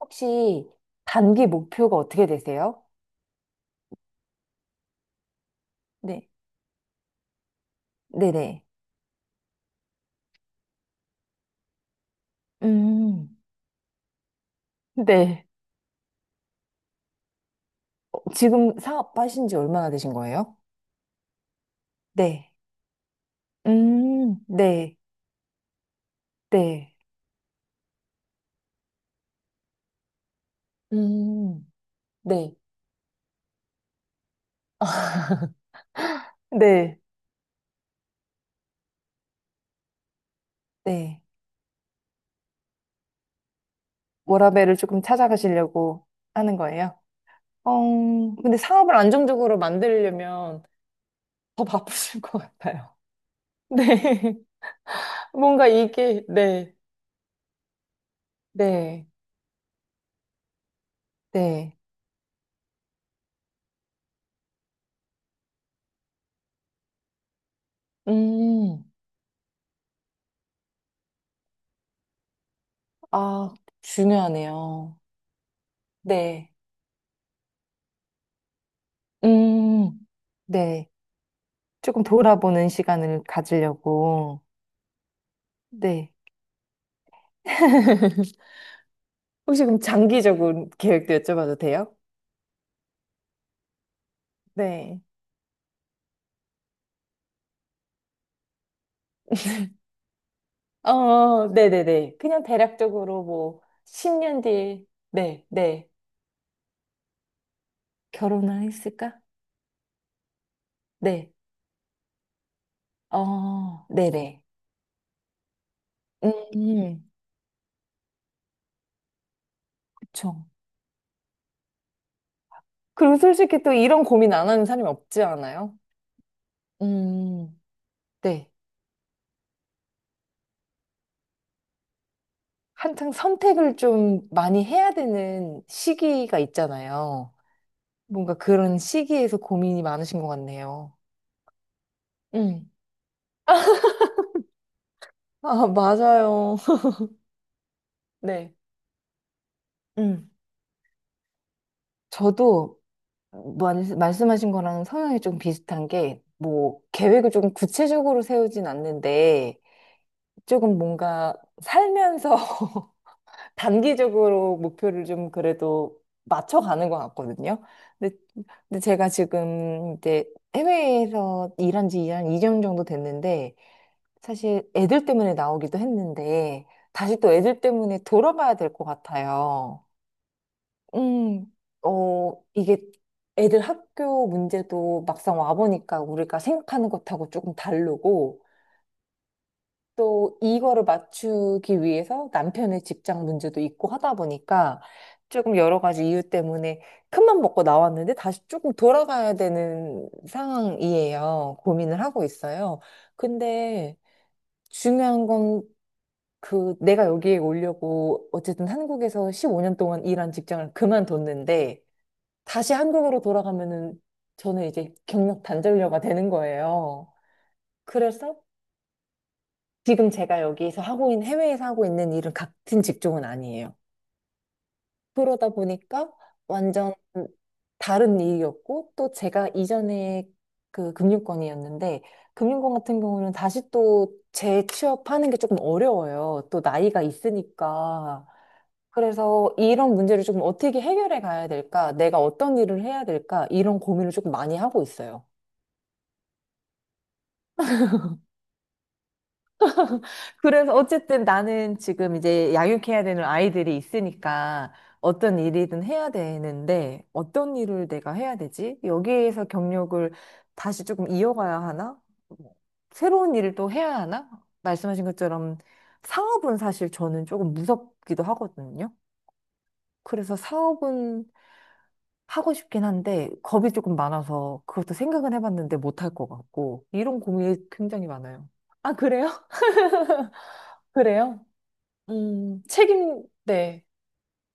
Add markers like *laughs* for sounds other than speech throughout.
혹시 단기 목표가 어떻게 되세요? 네. 네네. 음, 네. 지금 사업하신 지 얼마나 되신 거예요? 네. 네, 네, 음, 네, 네. 네. 워라밸을 조금 찾아가시려고 하는 거예요. 어, 근데 사업을 안정적으로 만들려면 더 바쁘실 것 같아요. *laughs* 네. 뭔가 이게, 네. 네, 네. 음, 아, 중요하네요. 네, 음, 네. 조금 돌아보는 시간을 가지려고. 네. *laughs* 혹시 그럼 장기적인 계획도 여쭤봐도 돼요? 네. 어, 네네네. 그냥 대략적으로 뭐, 10년 뒤에, 네, 네. 결혼을 했을까? 네. 어, 네네. 음, 그쵸. 그리고 솔직히 또 이런 고민 안 하는 사람이 없지 않아요? 음, 네. 한창 선택을 좀 많이 해야 되는 시기가 있잖아요. 뭔가 그런 시기에서 고민이 많으신 것 같네요. 음. 아, 맞아요. *laughs* 네. 음. 저도 말씀하신 거랑 성향이 좀 비슷한 게, 뭐, 계획을 좀 구체적으로 세우진 않는데, 조금 뭔가 살면서 *laughs* 단기적으로 목표를 좀 그래도 맞춰가는 것 같거든요. 근데, 제가 지금 이제 해외에서 일한 지 한 2년 정도 됐는데, 사실 애들 때문에 나오기도 했는데, 다시 또 애들 때문에 돌아봐야 될 것 같아요. 음, 어, 이게 애들 학교 문제도 막상 와보니까 우리가 생각하는 것하고 조금 다르고, 또 이거를 맞추기 위해서 남편의 직장 문제도 있고 하다 보니까 조금 여러 가지 이유 때문에 큰맘 먹고 나왔는데 다시 조금 돌아가야 되는 상황이에요. 고민을 하고 있어요. 근데 중요한 건 그 내가 여기에 오려고 어쨌든 한국에서 15년 동안 일한 직장을 그만뒀는데 다시 한국으로 돌아가면은 저는 이제 경력 단절녀가 되는 거예요. 그래서 지금 제가 여기서 하고 있는, 해외에서 하고 있는 일은 같은 직종은 아니에요. 그러다 보니까 완전 다른 일이었고, 또 제가 이전에 그 금융권이었는데, 금융권 같은 경우는 다시 또 재취업하는 게 조금 어려워요. 또 나이가 있으니까. 그래서 이런 문제를 조금 어떻게 해결해 가야 될까? 내가 어떤 일을 해야 될까? 이런 고민을 조금 많이 하고 있어요. 그래서 어쨌든 나는 지금 이제 양육해야 되는 아이들이 있으니까 어떤 일이든 해야 되는데 어떤 일을 내가 해야 되지? 여기에서 경력을 다시 조금 이어가야 하나? 뭐, 새로운 일을 또 해야 하나? 말씀하신 것처럼 사업은 사실 저는 조금 무섭기도 하거든요. 그래서 사업은 하고 싶긴 한데 겁이 조금 많아서 그것도 생각은 해봤는데 못할 것 같고 이런 고민이 굉장히 많아요. 아, 그래요? *laughs* 그래요? 책임, 네.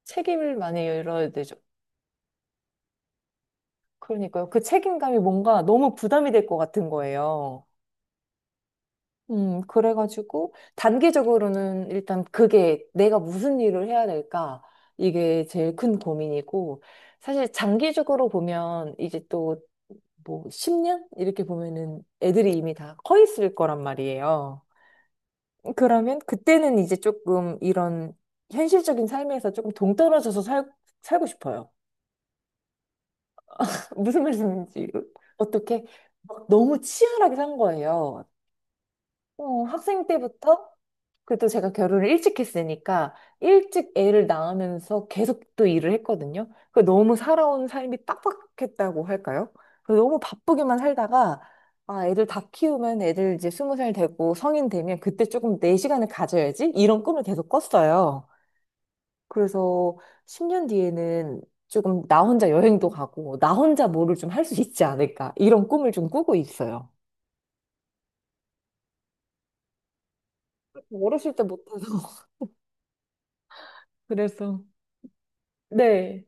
책임을 많이 열어야 되죠. 그러니까요. 그 책임감이 뭔가 너무 부담이 될 것 같은 거예요. 그래가지고, 단기적으로는 일단 그게 내가 무슨 일을 해야 될까? 이게 제일 큰 고민이고, 사실 장기적으로 보면 이제 또 뭐 10년? 이렇게 보면은 애들이 이미 다 커 있을 거란 말이에요. 그러면 그때는 이제 조금 이런 현실적인 삶에서 조금 동떨어져서 살고 싶어요. 무슨 말씀인지 어떻게 막 너무 치열하게 산 거예요. 어, 학생 때부터 그래도 제가 결혼을 일찍 했으니까 일찍 애를 낳으면서 계속 또 일을 했거든요. 그 너무 살아온 삶이 빡빡했다고 할까요? 그 너무 바쁘게만 살다가 아, 애들 다 키우면 애들 이제 스무 살 되고 성인 되면 그때 조금 내 시간을 가져야지 이런 꿈을 계속 꿨어요. 그래서 10년 뒤에는 조금 나 혼자 여행도 가고, 나 혼자 뭐를 좀 할 수 있지 않을까. 이런 꿈을 좀 꾸고 있어요. 어렸을 때 못해서. *laughs* 그래서. 네.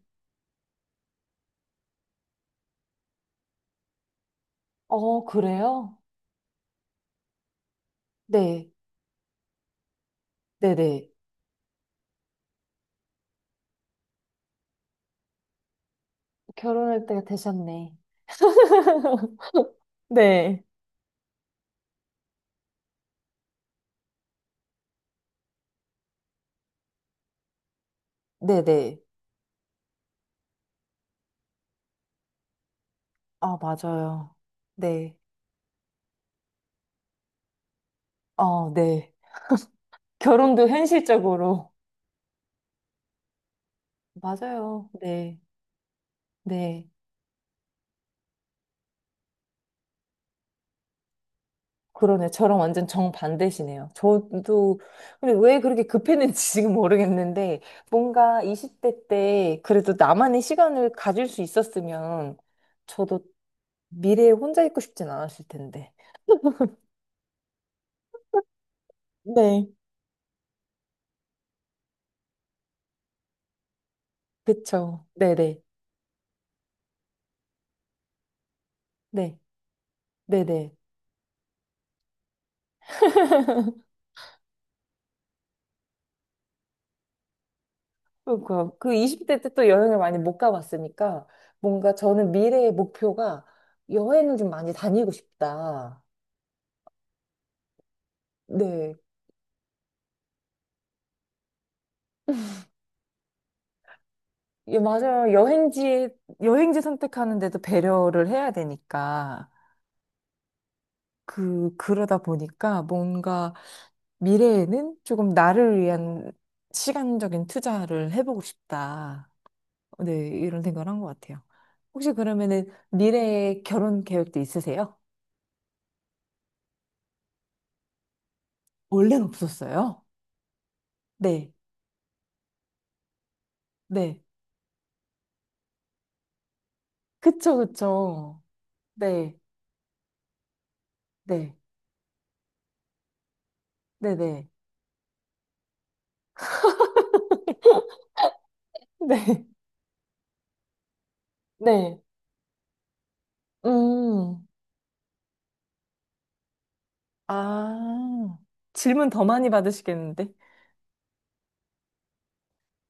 어, 그래요? 네. 네네. 결혼할 때가 되셨네. *laughs* 네. 네네. 아, 맞아요. 네. 어, 네. 결혼도 현실적으로. 맞아요. 네. 네. 그러네. 저랑 완전 정반대시네요. 저도, 근데 왜 그렇게 급했는지 *laughs* 지금 모르겠는데, 뭔가 20대 때 그래도 나만의 시간을 가질 수 있었으면, 저도 미래에 혼자 있고 싶진 않았을 텐데. 네. 그쵸. 네네. 네. 네네. 그러니까 그 20대 때 또 여행을 많이 못 가봤으니까, 뭔가 저는 미래의 목표가 여행을 좀 많이 다니고 싶다. 네. 예, 맞아요. 여행지, 여행지 선택하는데도 배려를 해야 되니까. 그러다 보니까 뭔가 미래에는 조금 나를 위한 시간적인 투자를 해보고 싶다. 네, 이런 생각을 한 것 같아요. 혹시 그러면은 미래에 결혼 계획도 있으세요? 원래는 없었어요. 네, 네. 그쵸, 그쵸. 네, 네, 네네. 네, *laughs* 네. 음, 아. 질문 더 많이 받으시겠는데?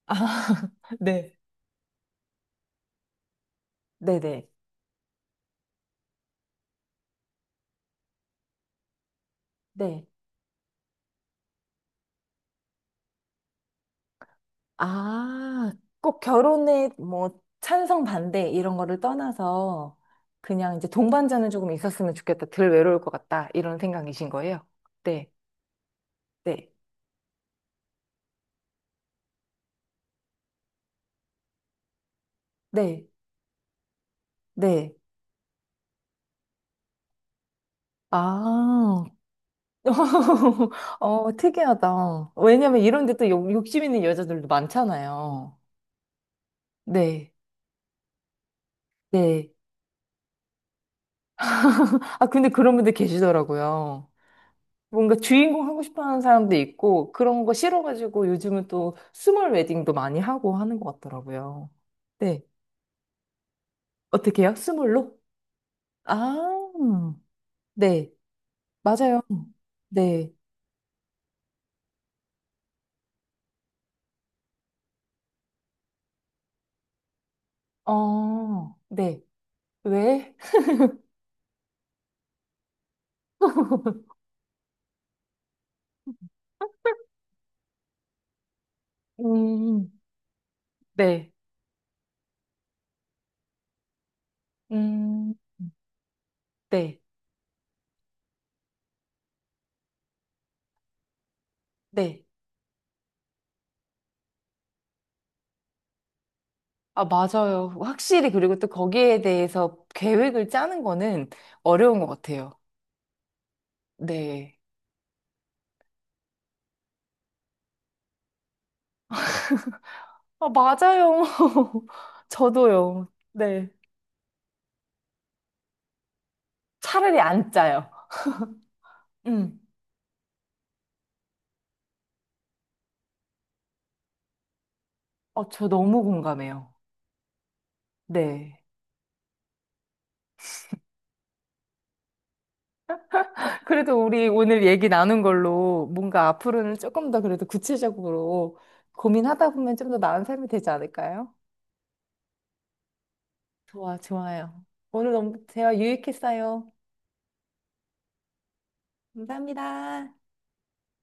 아, *laughs* 네. 네네. 네. 아, 꼭 결혼에 뭐 찬성 반대 이런 거를 떠나서 그냥 이제 동반자는 조금 있었으면 좋겠다. 덜 외로울 것 같다. 이런 생각이신 거예요? 네. 네. 네. 네. 아, *laughs* 어, 특이하다. 왜냐면 이런 데 또 욕심 있는 여자들도 많잖아요. 네. 네. 아, 근데 그런 분들 계시더라고요. 뭔가 주인공 하고 싶어 하는 사람도 있고, 그런 거 싫어가지고 요즘은 또 스몰 웨딩도 많이 하고 하는 것 같더라고요. 네. 어떻게요? 스몰로? 아, 네. 맞아요. 네. 어, 네. 왜? *laughs* 음, 네. 음, 네. 네. 아, 맞아요. 확실히 그리고 또 거기에 대해서 계획을 짜는 거는 어려운 것 같아요. 네. 아, 맞아요. *laughs* 저도요. 네. 차라리 안 짜요. 음. 어, 저 너무 공감해요. 네. 그래도 우리 오늘 얘기 나눈 걸로 뭔가 앞으로는 조금 더 그래도 구체적으로 고민하다 보면 좀 더 나은 삶이 되지 않을까요? 좋아, 좋아요. 오늘 너무 대화 유익했어요. 감사합니다.